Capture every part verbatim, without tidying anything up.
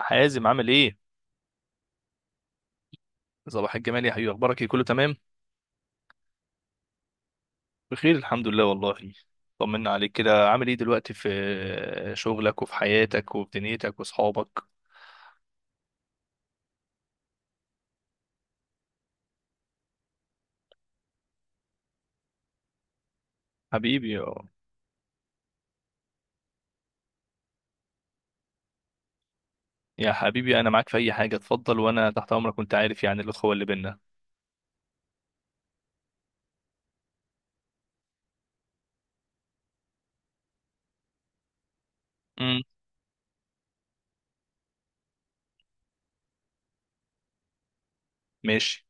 حازم عامل ايه؟ صباح الجمال يا حبيبي، اخبارك ايه؟ كله تمام؟ بخير الحمد لله والله. طمنا عليك كده، عامل ايه دلوقتي في شغلك وفي حياتك وفي دنيتك واصحابك؟ حبيبي يا يا حبيبي، انا معاك في اي حاجه، اتفضل وانا تحت امرك وانت عارف يعني الاخوه اللي بينا. امم. ماشي.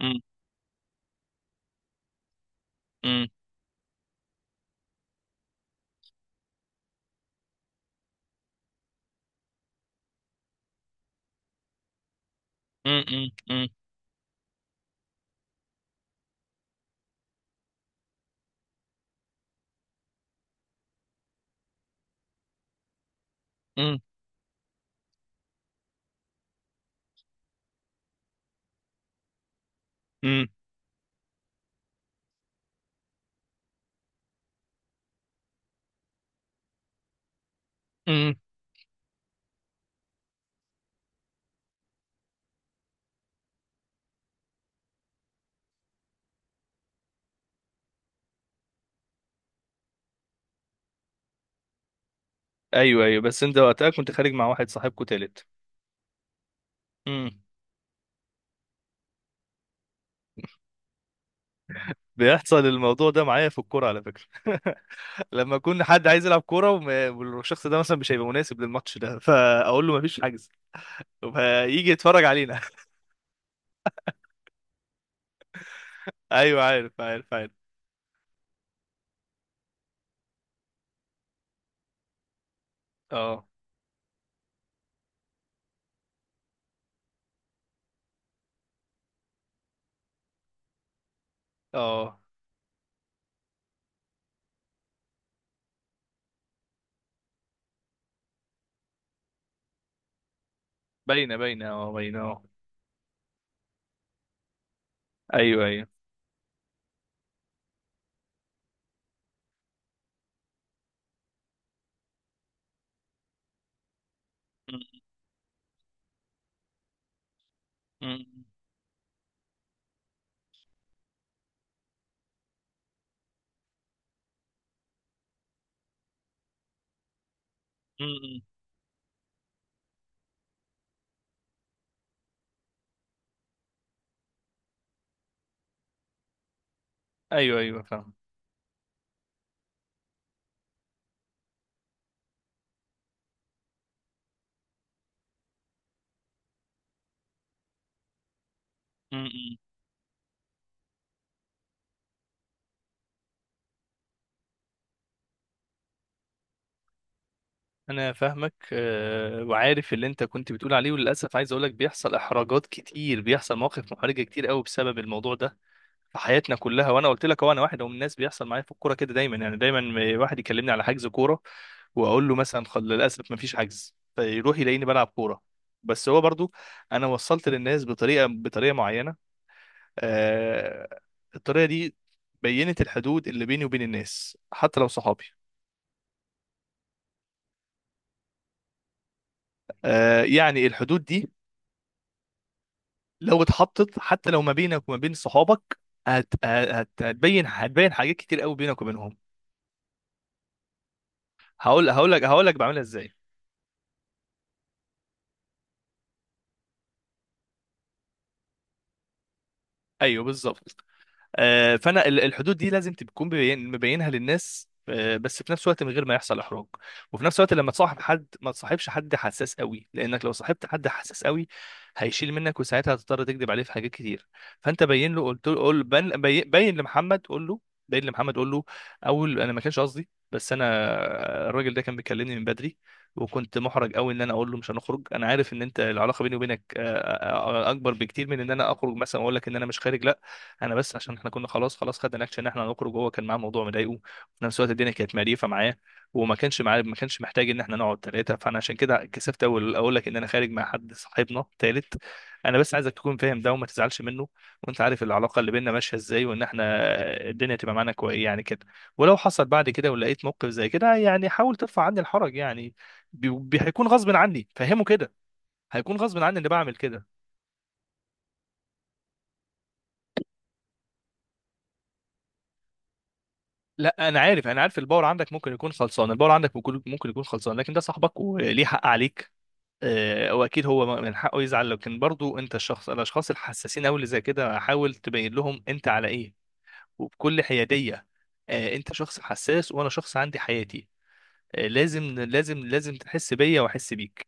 امم. امم. امم. امم. امم. امم. امم. ايوه ايوه، بس انت وقتها كنت خارج مع واحد صاحبكو تالت؟ امم. بيحصل الموضوع ده معايا في الكوره على فكره لما يكون حد عايز يلعب كوره وم- والشخص ده مثلا مش هيبقى مناسب للماتش ده، فاقول له مفيش حجز. فيجي يتفرج علينا ايوه، عارف عارف عارف. اه اه، باينه باينه اه، باينه اه. ايوه ايوه. م- م- م- م. ايوه ايوه، فاهم. م- م. انا فاهمك، آه، وعارف اللي انت كنت بتقول عليه، وللاسف عايز اقول لك بيحصل احراجات كتير، بيحصل مواقف محرجه كتير قوي بسبب الموضوع ده في حياتنا كلها. وانا قلت لك، هو انا واحد من الناس بيحصل معايا في الكوره كده دايما يعني دايما. واحد يكلمني على حجز كوره واقول له مثلا خل... للاسف ما فيش حجز، فيروح يلاقيني بلعب كوره. بس هو برضو، انا وصلت للناس بطريقه بطريقه معينه. آه... الطريقه دي بينت الحدود اللي بيني وبين الناس حتى لو صحابي. آه... يعني الحدود دي لو اتحطت حتى لو ما بينك وما بين صحابك، هت... هت... هتبين هتبين حاجات كتير قوي بينك وبينهم. هقول هقول لك هقول لك بعملها ازاي. ايوه بالظبط. آه، فانا ال- الحدود دي لازم تكون مبين- مبينها للناس، آه، بس في نفس الوقت من غير ما يحصل احراج. وفي نفس الوقت لما تصاحب حد، ما تصاحبش حد حساس قوي، لانك لو صاحبت حد حساس قوي هيشيل منك، وساعتها هتضطر تكذب عليه في حاجات كتير. فانت بين له، قلت له قول بين, بين بين لمحمد قول له. بين لمحمد قول له، اول انا ما كانش قصدي، بس انا الراجل ده كان بيكلمني من بدري، وكنت محرج قوي ان انا اقول له مش هنخرج. انا عارف ان انت العلاقه بيني وبينك آه، آه، آه، اكبر بكتير من ان انا اخرج مثلا واقول لك ان انا مش خارج، لا. انا بس عشان احنا كنا خلاص خلاص، خدنا الاكشن ان احنا هنخرج، وهو كان معاه موضوع مضايقه، وفي نفس الوقت الدنيا كانت مقريفه معاه. وما كانش معاه ما كانش محتاج ان احنا نقعد ثلاثه، فانا عشان كده كسفت اقول اقول لك ان انا خارج مع حد صاحبنا ثالث. انا بس عايزك تكون فاهم ده وما تزعلش منه. وانت عارف العلاقه اللي بيننا ماشيه ازاي، وان احنا الدنيا تبقى معانا كويس يعني كده. ولو حصل بعد كده ولقيت موقف زي كده، يعني حاول ترفع عني الحرج يعني. بي- بي- هيكون غصب عني، فهمه كده. هيكون غصب عني اللي بعمل كده. لا انا عارف انا عارف، الباور عندك ممكن يكون خلصان، الباور عندك ممكن ممكن يكون خلصان، لكن ده صاحبك وليه حق عليك. آه، واكيد هو من حقه يزعل، لكن برضو انت الشخص الاشخاص الحساسين قوي اللي زي كده حاول تبين لهم انت على ايه، وبكل حياديه. آه، انت شخص حساس، وانا شخص عندي حياتي، آه، لازم لازم لازم تحس بيا واحس بيك.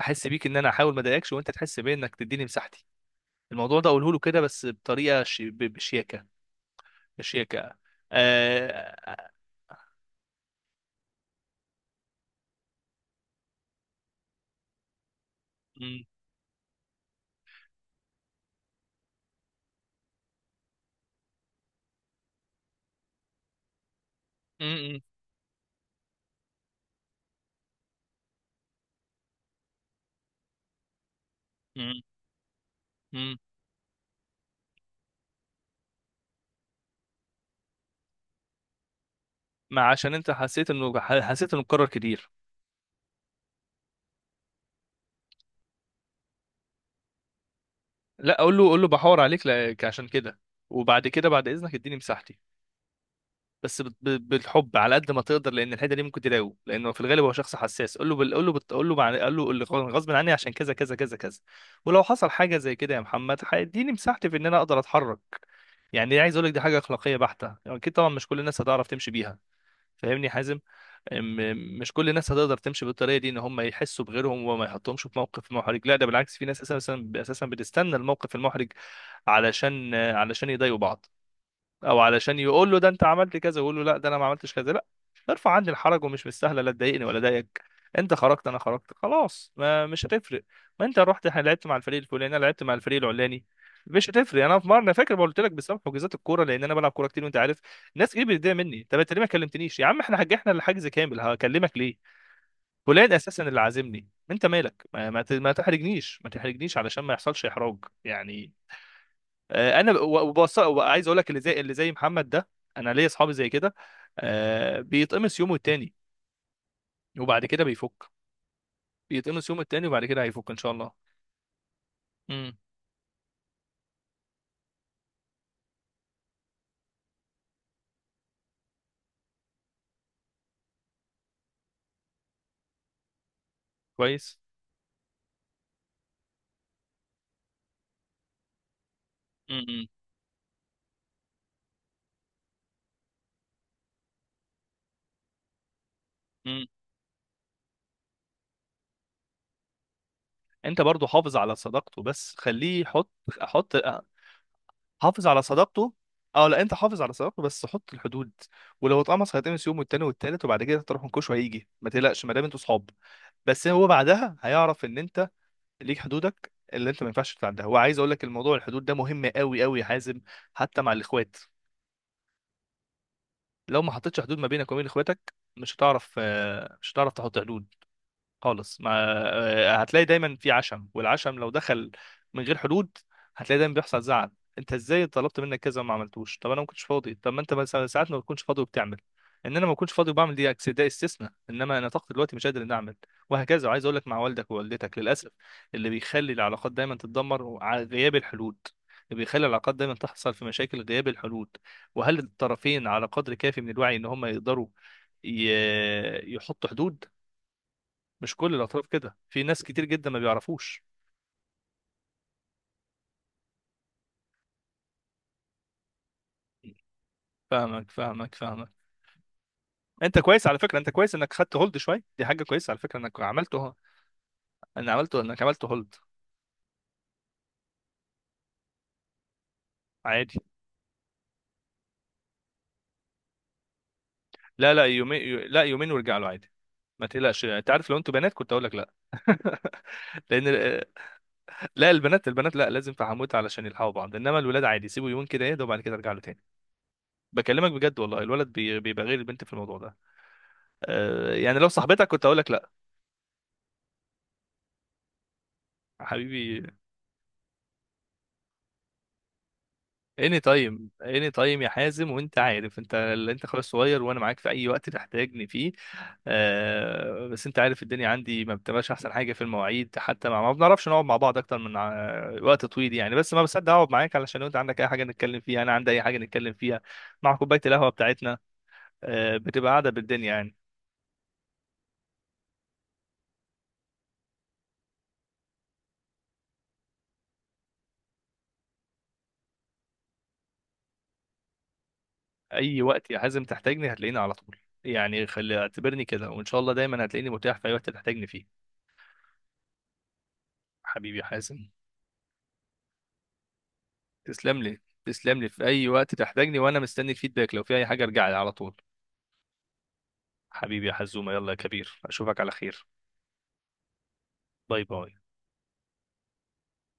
احس بيك ان انا احاول ما اضايقكش، وانت تحس بيا انك تديني مساحتي. الموضوع ده اقوله له كده، بس بطريقه شي- ب- بشياكه. بشياكه. آه، آه، آه، م- م- م- مم. ما عشان انت حسيت انه ح- حسيت انه اتكرر كتير. لا، اقول له اقول له بحور عليك لك عشان كده. وبعد كده بعد اذنك اديني مساحتي، بس بت- ب- بالحب على قد ما تقدر، لان الحته دي ممكن تضايقه، لانه في الغالب هو شخص حساس. قول له بال- قول له بت- قول له مع- قول له اللي غ- غصب عني عشان كذا كذا كذا كذا. ولو حصل حاجه زي كده يا محمد هيديني مساحتي في ان انا اقدر اتحرك. يعني عايز اقول لك، دي حاجه اخلاقيه بحته، اكيد طبعا مش كل الناس هتعرف تمشي بيها. فاهمني يا حازم؟ م- مش كل الناس هتقدر تمشي بالطريقه دي ان هم يحسوا بغيرهم وما يحطهمش في موقف محرج. لا، ده بالعكس، في ناس اساسا اساسا بتستنى الموقف المحرج علشان علشان يضايقوا بعض، او علشان يقول له ده انت عملت كذا، ويقول له لا ده انا ما عملتش كذا، لا. ارفع عني الحرج، ومش مستاهله لا تضايقني ولا ضايقك. انت خرجت، انا خرجت، خلاص ما مش هتفرق. ما انت رحت لعبت مع الفريق الفلاني، انا لعبت مع الفريق العلاني، مش هتفرق. انا في مره انا فاكر قلت لك بسبب حجوزات الكوره، لان انا بلعب كوره كتير وانت عارف، ناس كتير بتضايق مني. طب انت ليه ما كلمتنيش يا عم؟ احنا حجحنا الحجز كامل، هكلمك ليه؟ فلان اساسا اللي عازمني، انت مالك؟ ما ما ت- ما تحرجنيش ما تحرجنيش علشان ما يحصلش احراج يعني. آه، انا و- وبص، عايز اقول لك اللي زي اللي زي محمد ده، انا ليا اصحابي زي كده. آه، بيتقمص يومه التاني وبعد كده بيفك. بيتقمص يومه التاني، وبعد كده هيفك ان شاء الله. امم. كويس. امم. امم. انت برضو حافظ على صداقته، بس خليه يحط. حط، آه، حافظ على صداقته. اه لا، انت حافظ على صداقته بس حط الحدود. ولو اتقمص هيتقمص يوم والتاني والتالت، وبعد كده تروح منكوش وهيجي، ما تقلقش ما دام انتوا صحاب. بس هو بعدها هيعرف ان انت ليك حدودك اللي انت ما ينفعش تتعداها. وعايز اقول لك الموضوع الحدود ده مهم قوي قوي يا حازم، حتى مع الاخوات. لو ما حطيتش حدود ما بينك وبين اخواتك، مش هتعرف، آه، مش هتعرف تحط حدود خالص ما. آه، هتلاقي دايما في عشم، والعشم لو دخل من غير حدود هتلاقي دايما بيحصل زعل. انت ازاي طلبت منك كذا وما عملتوش؟ طب انا ما كنتش فاضي. طب ما انت مثلا ساعات ما بتكونش فاضي وبتعمل. ان انا ما كنتش فاضي وبعمل دي أكس- ده استثناء، انما انا طاقتي دلوقتي مش قادر اني اعمل، وهكذا. وعايز اقول لك مع والدك ووالدتك للاسف، اللي بيخلي العلاقات دايما تتدمر على غياب الحلول. اللي بيخلي العلاقات دايما تحصل في مشاكل غياب الحلول، وهل الطرفين على قدر كافي من الوعي ان هم يقدروا ي- يحطوا حدود. مش كل الاطراف كده، في ناس كتير جدا ما بيعرفوش. فاهمك فاهمك فاهمك. انت كويس على فكره، انت كويس انك خدت هولد شويه، دي حاجه كويسه على فكره انك عملته. ان عملته، انك عملت هولد عادي. لا لا، يومين يو- لا يومين وارجع له عادي، ما تقلقش. انت عارف لو انتوا بنات كنت اقول لك لا لان ال- لا البنات البنات لا، لازم في حموت علشان يلحقوا بعض، انما الولاد عادي، سيبوا يومين كده يهدوا وبعد كده ارجع له تاني. بكلمك بجد والله، الولد بي- بيبقى غير البنت في الموضوع ده. آه، يعني لو صاحبتك كنت اقول لك لا. حبيبي، اني تايم اني تايم يا حازم، وانت عارف، انت اللي انت اخويا الصغير وانا معاك في اي وقت تحتاجني فيه. آه، بس انت عارف الدنيا عندي ما بتبقاش احسن حاجه في المواعيد، حتى ما, ما بنعرفش نقعد مع بعض اكتر من آه، وقت طويل يعني، بس ما بصدق اقعد معاك علشان لو انت عندك اي حاجه نتكلم فيها، انا عندي اي حاجه نتكلم فيها مع كوبايه القهوه بتاعتنا. آه، بتبقى قاعده بالدنيا يعني. اي وقت يا حازم تحتاجني هتلاقيني على طول، يعني خلي اعتبرني كده، وان شاء الله دايما هتلاقيني متاح في اي وقت تحتاجني فيه. حبيبي يا حازم. تسلم لي تسلم لي، في اي وقت تحتاجني وانا مستني الفيدباك، لو في اي حاجه ارجع لي على طول. حبيبي يا حزومه، يلا يا كبير، اشوفك على خير. باي باي.